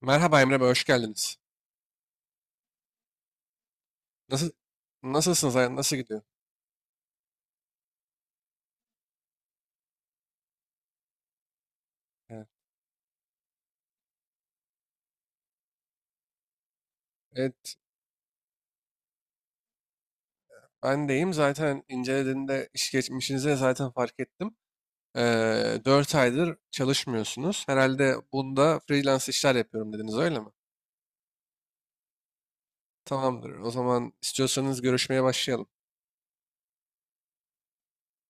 Merhaba Emre Bey, hoş geldiniz. Nasıl, nasılsınız? Nasıl gidiyor? Evet, evet, ben deyim. Zaten incelediğinde iş geçmişinize zaten fark ettim. 4 aydır çalışmıyorsunuz. Herhalde bunda freelance işler yapıyorum dediniz, öyle mi? Tamamdır. O zaman istiyorsanız görüşmeye başlayalım.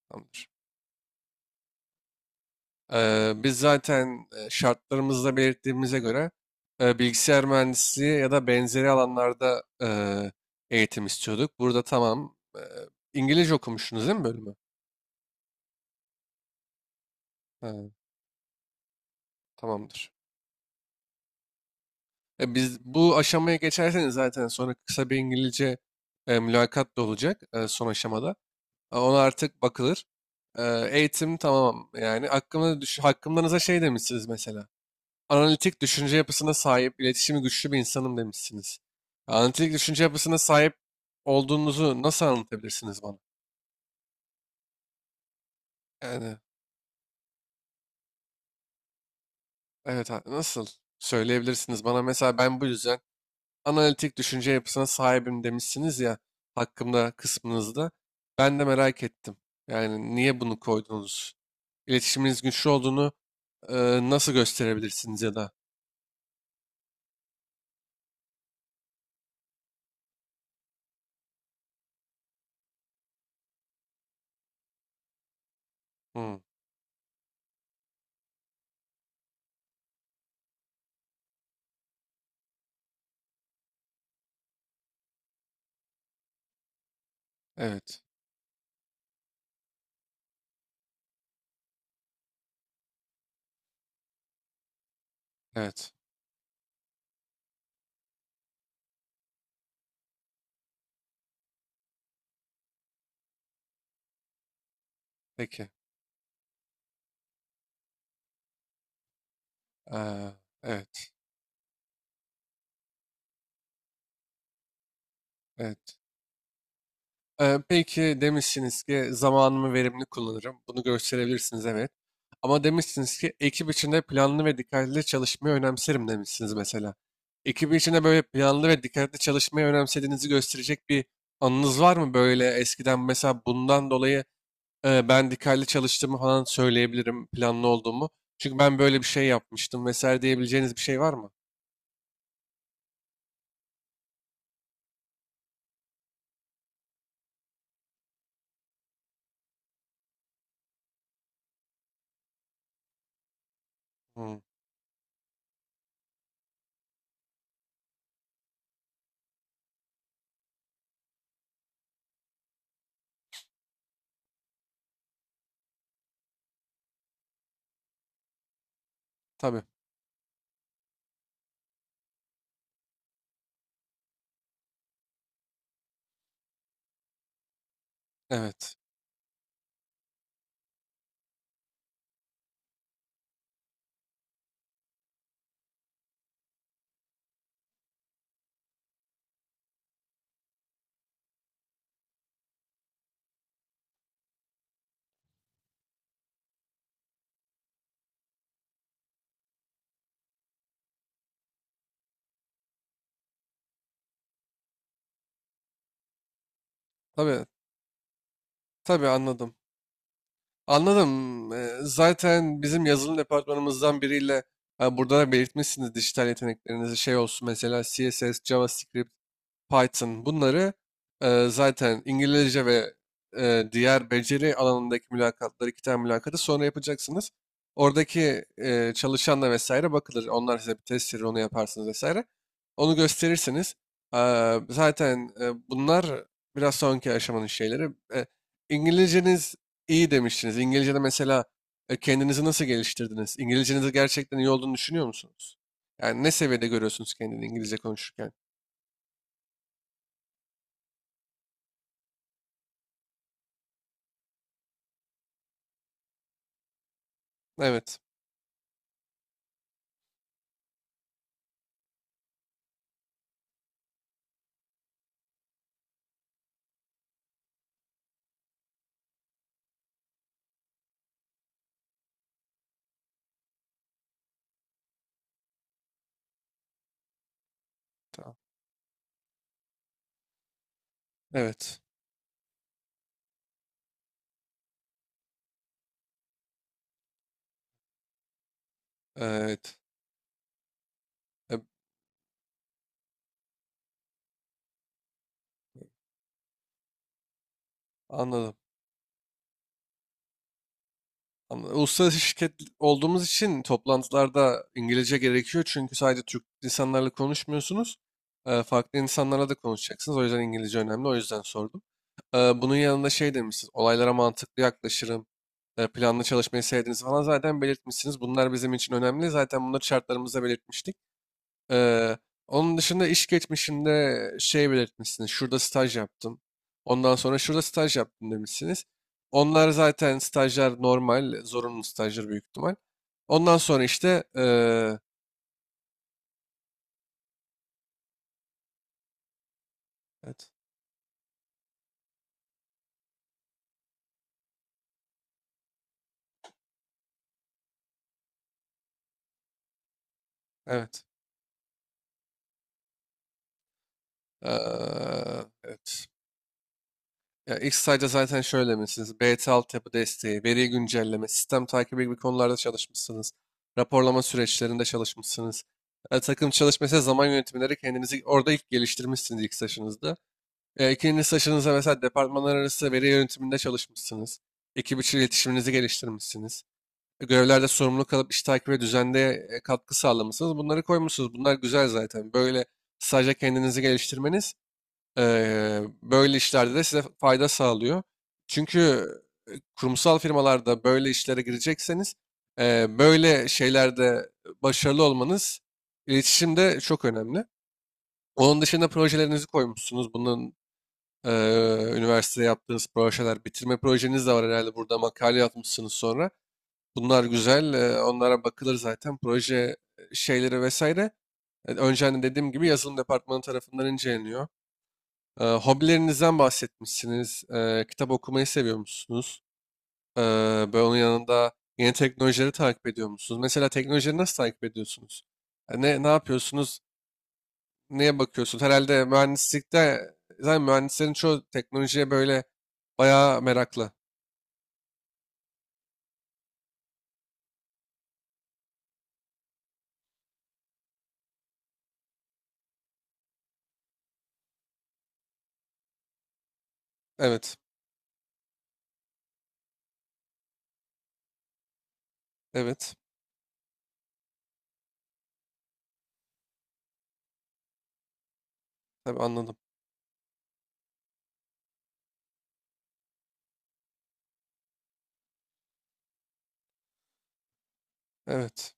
Tamamdır. Biz zaten şartlarımızda belirttiğimize göre bilgisayar mühendisliği ya da benzeri alanlarda eğitim istiyorduk. Burada tamam. İngilizce okumuştunuz değil mi bölümü? Ha, tamamdır. Biz bu aşamaya geçerseniz zaten sonra kısa bir İngilizce mülakat da olacak son aşamada. Ona artık bakılır. E, eğitim tamam yani hakkımdanıza şey demişsiniz mesela. Analitik düşünce yapısına sahip, iletişimi güçlü bir insanım demişsiniz. Analitik düşünce yapısına sahip olduğunuzu nasıl anlatabilirsiniz bana? Yani evet, nasıl söyleyebilirsiniz bana mesela ben bu yüzden analitik düşünce yapısına sahibim demişsiniz ya hakkımda kısmınızda. Ben de merak ettim. Yani niye bunu koydunuz? İletişiminiz güçlü olduğunu e, nasıl gösterebilirsiniz ya da? Hmm, evet, evet. Peki. Ee, evet, evet. Peki demişsiniz ki zamanımı verimli kullanırım. Bunu gösterebilirsiniz, evet. Ama demişsiniz ki ekip içinde planlı ve dikkatli çalışmayı önemserim demişsiniz mesela. Ekip içinde böyle planlı ve dikkatli çalışmayı önemsediğinizi gösterecek bir anınız var mı? Böyle eskiden mesela bundan dolayı ben dikkatli çalıştığımı falan söyleyebilirim planlı olduğumu. Çünkü ben böyle bir şey yapmıştım vesaire diyebileceğiniz bir şey var mı? Hmm, tabii. Evet. Tabii. Tabii anladım. Anladım. Zaten bizim yazılım departmanımızdan biriyle ha, burada da belirtmişsiniz dijital yeteneklerinizi şey olsun mesela CSS, JavaScript Python bunları zaten İngilizce ve diğer beceri alanındaki mülakatları, 2 tane mülakatı sonra yapacaksınız. Oradaki çalışanla vesaire bakılır. Onlar size bir test verir, onu yaparsınız vesaire. Onu gösterirsiniz. Zaten bunlar biraz sonraki aşamanın şeyleri. E, İngilizceniz iyi demiştiniz. İngilizce'de mesela kendinizi nasıl geliştirdiniz? İngilizcenizi gerçekten iyi olduğunu düşünüyor musunuz? Yani ne seviyede görüyorsunuz kendini İngilizce konuşurken? Evet. Tamam. Evet. Evet. E, Anladım. Anladım. Uluslararası şirket olduğumuz için toplantılarda İngilizce gerekiyor. Çünkü sadece Türk insanlarla konuşmuyorsunuz. Farklı insanlarla da konuşacaksınız. O yüzden İngilizce önemli. O yüzden sordum. Bunun yanında şey demişsiniz. Olaylara mantıklı yaklaşırım. Planlı çalışmayı sevdiğinizi falan zaten belirtmişsiniz. Bunlar bizim için önemli. Zaten bunları şartlarımızda belirtmiştik. Eee, onun dışında iş geçmişinde şey belirtmişsiniz. Şurada staj yaptım. Ondan sonra şurada staj yaptım demişsiniz. Onlar zaten stajlar normal, zorunlu stajlar büyük ihtimal. Ondan sonra işte evet, evet, evet. Ya ilk stajda zaten şöyle demişsiniz. BT altyapı desteği, veri güncelleme, sistem takibi gibi konularda çalışmışsınız. Raporlama süreçlerinde çalışmışsınız. Takım çalışması, zaman yönetimleri kendinizi orada ilk geliştirmişsiniz ilk stajınızda. E, ikinci saçınıza mesela departmanlar arası veri yönetiminde çalışmışsınız. Ekip içi iletişiminizi geliştirmişsiniz. Görevlerde sorumluluk alıp iş takibi ve düzende katkı sağlamışsınız. Bunları koymuşsunuz. Bunlar güzel zaten. Böyle sadece kendinizi geliştirmeniz e, böyle işlerde de size fayda sağlıyor. Çünkü kurumsal firmalarda böyle işlere girecekseniz böyle şeylerde başarılı olmanız iletişimde çok önemli. Onun dışında projelerinizi koymuşsunuz. Bunun üniversitede yaptığınız projeler, bitirme projeniz de var herhalde. Burada makale yapmışsınız sonra. Bunlar güzel. Onlara bakılır zaten. Proje şeyleri vesaire. Önceden dediğim gibi yazılım departmanı tarafından inceleniyor. Hobilerinizden bahsetmişsiniz. Kitap okumayı seviyor musunuz? Eee böyle onun yanında yeni teknolojileri takip ediyor musunuz? Mesela teknolojileri nasıl takip ediyorsunuz? Ne yapıyorsunuz? Neye bakıyorsun? Herhalde mühendislikte zaten mühendislerin çoğu teknolojiye böyle bayağı meraklı. Evet. Evet. Tabii anladım. Evet.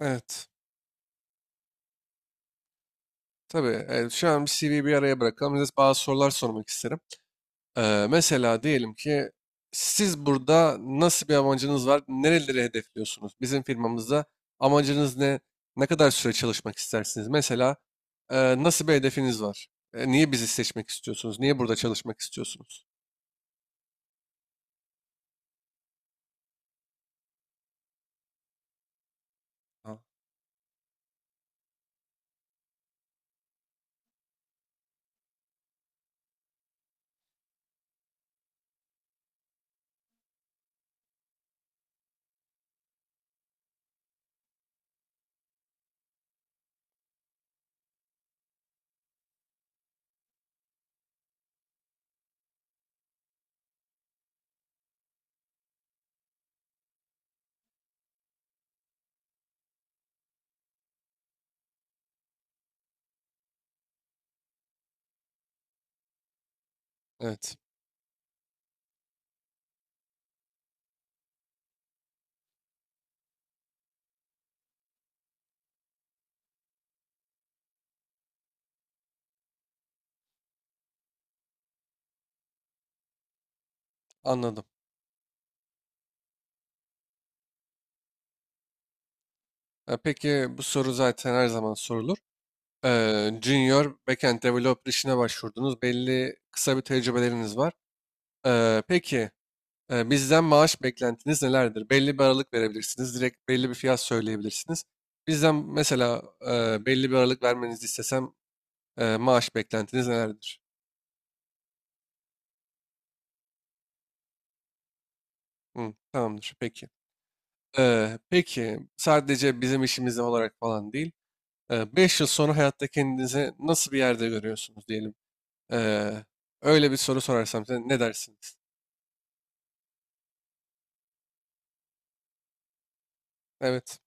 Evet. Tabii. Evet, şu an bir CV'yi bir araya bırakalım. Size bazı sorular sormak isterim. Mesela diyelim ki siz burada nasıl bir amacınız var? Nereleri hedefliyorsunuz? Bizim firmamızda amacınız ne? Ne kadar süre çalışmak istersiniz? Mesela e, nasıl bir hedefiniz var? Niye bizi seçmek istiyorsunuz? Niye burada çalışmak istiyorsunuz? Ha, evet. Anladım. Peki bu soru zaten her zaman sorulur. Junior backend developer işine başvurdunuz. Belli kısa bir tecrübeleriniz var. Peki bizden maaş beklentiniz nelerdir? Belli bir aralık verebilirsiniz. Direkt belli bir fiyat söyleyebilirsiniz. Bizden mesela belli bir aralık vermenizi istesem maaş beklentiniz nelerdir? Hı, tamamdır. Peki. Peki sadece bizim işimiz olarak falan değil. Beş yıl sonra hayatta kendinizi nasıl bir yerde görüyorsunuz diyelim. Eee, öyle bir soru sorarsam size ne dersiniz? Evet,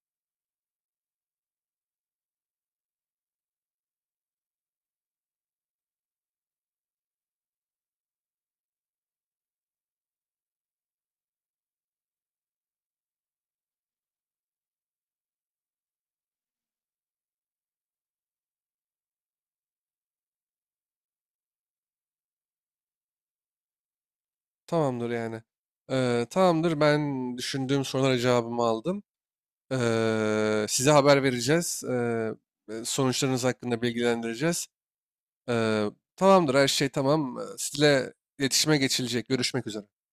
tamamdır yani. Tamamdır, ben düşündüğüm sorulara cevabımı aldım. Size haber vereceğiz. Sonuçlarınız hakkında bilgilendireceğiz. Eee, tamamdır, her şey tamam. Sizle iletişime geçilecek. Görüşmek üzere.